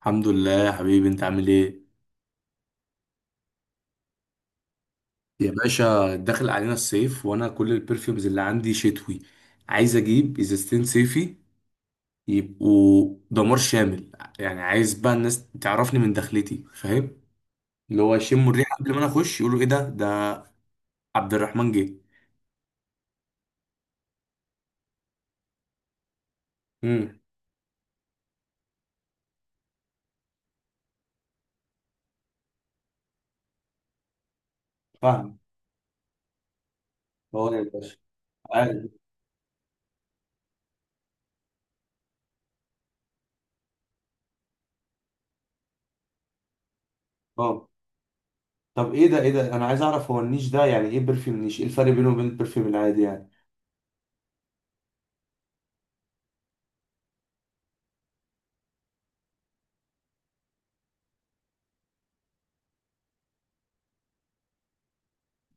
الحمد لله يا حبيبي، انت عامل ايه؟ يا باشا، داخل علينا الصيف وانا كل البرفيومز اللي عندي شتوي. عايز اجيب ازازتين صيفي يبقوا دمار شامل. يعني عايز بقى الناس تعرفني من دخلتي، فاهم؟ اللي هو يشموا الريحه قبل ما انا اخش يقولوا ايه ده. عبد الرحمن جه. امم فاهم. هو ده يا باشا. عارف. اه. طب ايه ده، انا عايز اعرف، هو النيش ده يعني ايه؟ برفيوم نيش، ايه الفرق بينه وبين البرفيوم العادي يعني؟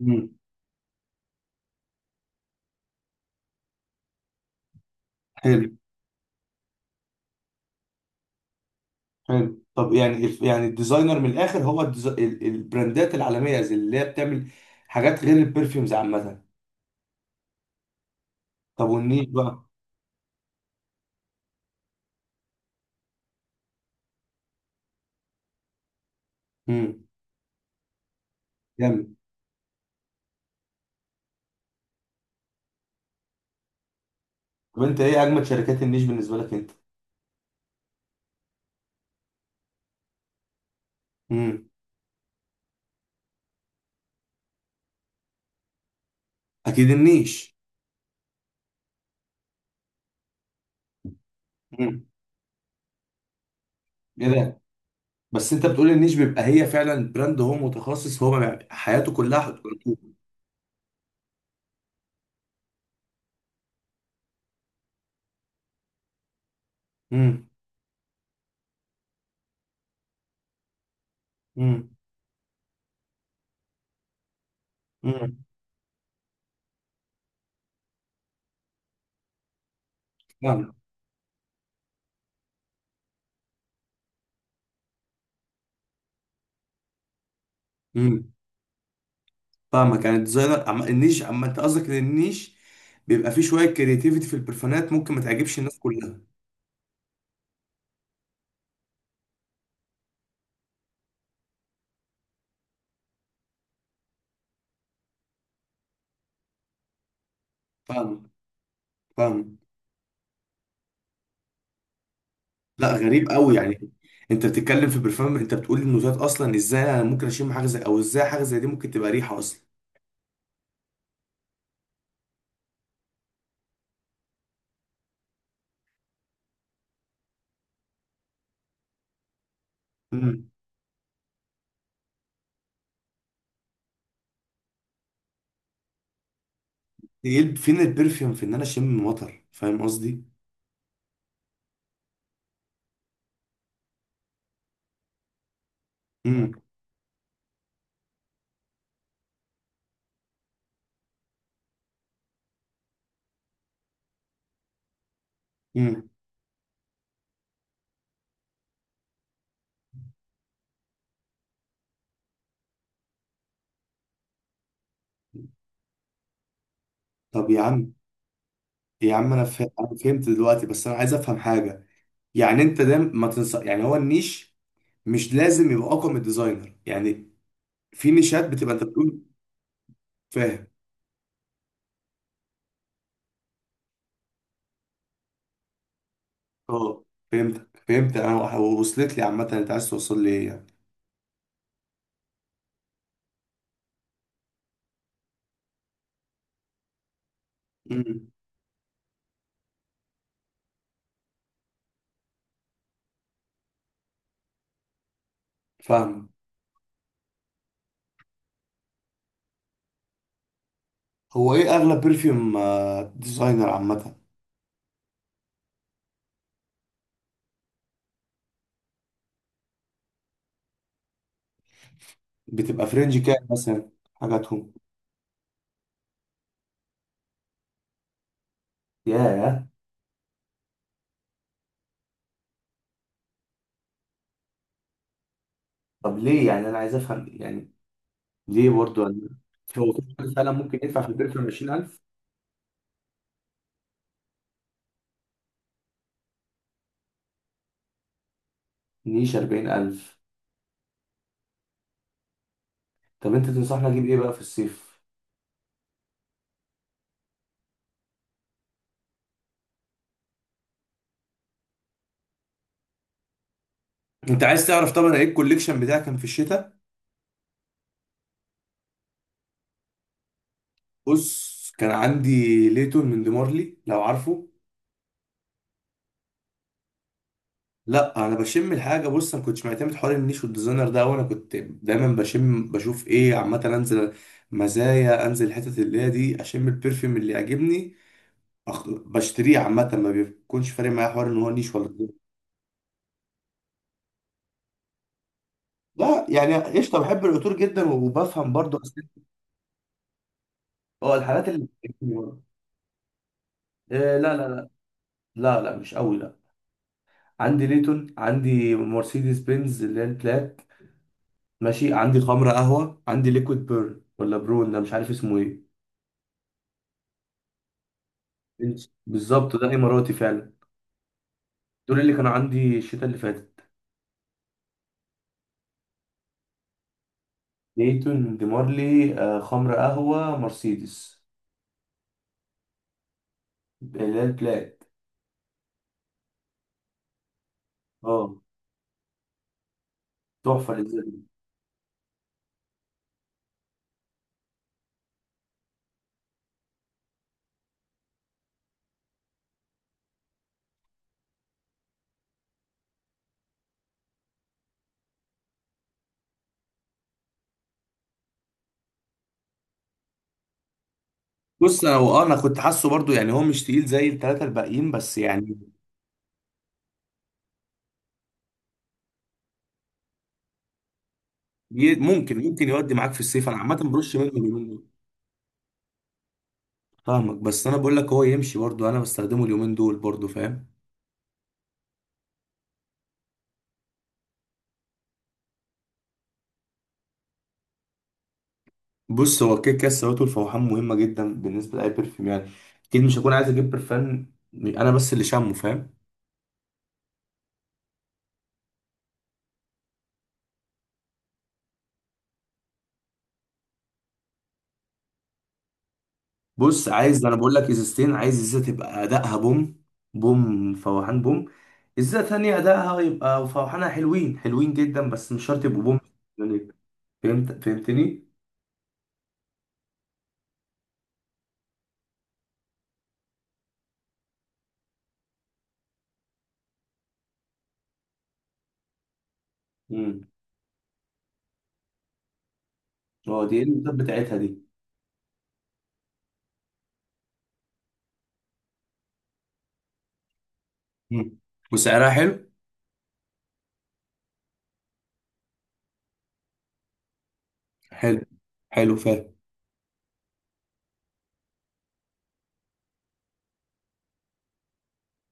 امم حلو. حلو، طب يعني يعني الديزاينر من الاخر، هو البراندات العالميه زي اللي هي بتعمل حاجات غير البرفيومز عامه. طب والنيش بقى؟ امم جامد. طب انت ايه اجمد شركات النيش بالنسبه لك انت؟ امم اكيد النيش. امم ايه ده؟ بس انت بتقول النيش بيبقى هي فعلا براند، هو متخصص، هو حياته كلها حدود. امم امم امم فاهمك. امم فاهمك. يعني الديزاينر النيش، اما انت قصدك ان النيش بيبقى فيه شويه كرياتيفيتي في البرفانات، ممكن ما تعجبش الناس كلها. فاهمك. فاهم. لا، غريب قوي يعني. انت بتتكلم في برفان، انت بتقول انه ذات اصلا، ازاي انا ممكن اشم حاجه زي، او ازاي حاجه زي دي ممكن تبقى ريحه اصلا؟ امم ايه؟ فين البرفيوم في ان انا اشم مطر، فاهم قصدي؟ امم امم طب يا عم، يا عم انا انا فهمت دلوقتي، بس انا عايز افهم حاجه. يعني انت ده ما تنصح، يعني هو النيش مش لازم يبقى اقوى من الديزاينر يعني؟ في نيشات بتبقى انت بتقول، فاهم. اه، فهمتك. فهمت. انا وصلت لي عامه انت عايز توصل لي ايه يعني. امم فاهم. هو ايه اغلب برفيوم ديزاينر عامه؟ بتبقى فرنج كام مثلا حاجاتهم؟ ياه. طب ليه يعني؟ انا عايز افهم يعني، ليه برضو يعني؟ هو في حد فعلا ممكن يدفع في البرفيوم 20000؟ نيش 40000؟ طب انت تنصحني اجيب ايه بقى في الصيف؟ انت عايز تعرف طبعا ايه الكوليكشن بتاعي كان في الشتاء. بص، كان عندي ليتون من ديمارلي لو عارفه. لا، انا بشم الحاجه. بص، انا كنتش معتمد حوار النيش والديزاينر ده، وانا كنت دايما بشم بشوف ايه عامه، انزل مزايا، انزل الحتت اللي هي دي، اشم البرفيوم اللي يعجبني، بشتريه. عامه، ما بيكونش فارق معايا حوار ان هو نيش ولا ديزاينر. لا يعني قشطه، بحب العطور جدا وبفهم برضو اه، الحالات اللي إيه. لا، لا، لا. لا، لا، مش قوي، لا. عندي ليتون، عندي مرسيدس بنز اللي هي البلات، ماشي، عندي خمره قهوه، عندي ليكويد بيرن ولا برون، ده مش عارف اسمه ايه. بالظبط ده اماراتي فعلا. دول اللي كانوا عندي الشتاء اللي فاتت: ديمارلي، آه، خمر قهوه، مرسيدس اللي هي البلاك. اه، تحفه لذيذة. بص، هو انا كنت حاسه برضو يعني هو مش تقيل زي الثلاثه الباقيين، بس يعني ممكن، يودي معاك في الصيف. انا عامه برش منه اليومين دول. فاهمك. بس انا بقول لك هو يمشي برضو، انا بستخدمه اليومين دول برضو، فاهم؟ بص، هو كده كده السوائل والفوحان مهمه جدا بالنسبه لاي برفيوم يعني. اكيد مش هكون عايز اجيب برفان انا بس اللي شامه، فاهم؟ بص، عايز انا بقول لك ازازتين. عايز ازازه تبقى ادائها بوم، بوم فواحان بوم. ازازه ثانيه ادائها يبقى فواحانها حلوين حلوين جدا بس مش شرط يبقوا بوم. فهمت، فهمتني. امم هو دي ايه الازازات بتاعتها دي؟ مم. وسعرها حلو؟ حلو، فاهم.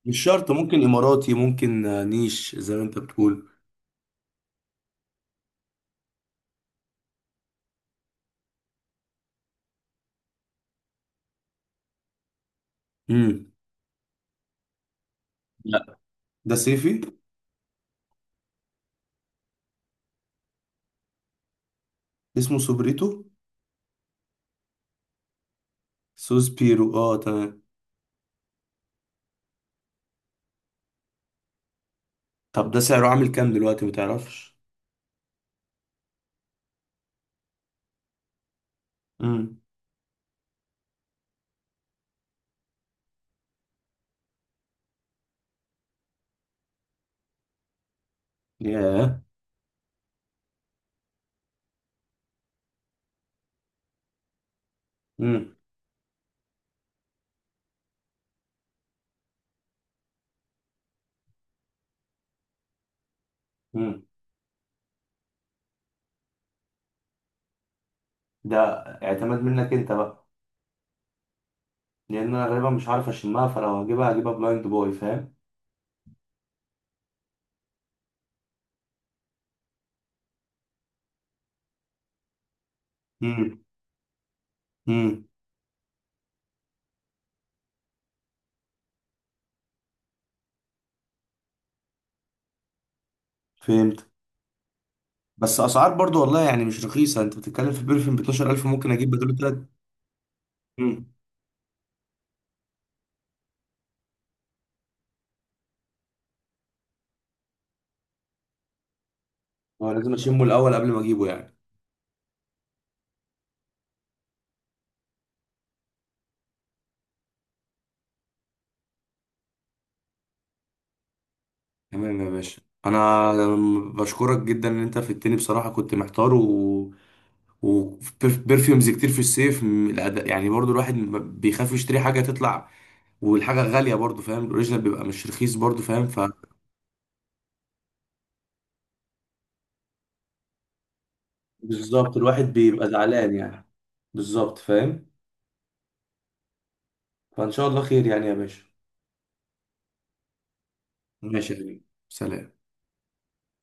مش شرط، ممكن اماراتي، ممكن نيش زي ما انت بتقول. امم لا، ده صيفي. اسمه سوبريتو. سوس بيرو، اه، تمام. طب ده سعره عامل كام دلوقتي، ما تعرفش؟ امم ياه. مم. مم. ده اعتماد منك انت بقى، لان انا غالبا مش عارف اشمها، فلو هجيبها هجيبها بلايند بوي، فاهم؟ امم امم فهمت. بس اسعار برضو والله يعني مش رخيصه، انت بتتكلم في بيرفيوم ب 12000، ممكن اجيب بدله تلات. امم هو لازم اشمه الاول قبل ما اجيبه يعني؟ تمام يا باشا. انا بشكرك جدا ان انت فدتني بصراحه، كنت محتار. و وبرفيومز كتير في الصيف، يعني برضو الواحد بيخاف يشتري حاجه تطلع والحاجه غاليه برضو، فاهم. الاوريجينال بيبقى مش رخيص برضو، فاهم. بالظبط، الواحد بيبقى زعلان يعني. بالظبط، فاهم. فإن شاء الله خير يعني يا باشا. ماشي يا حبيبي. سلام.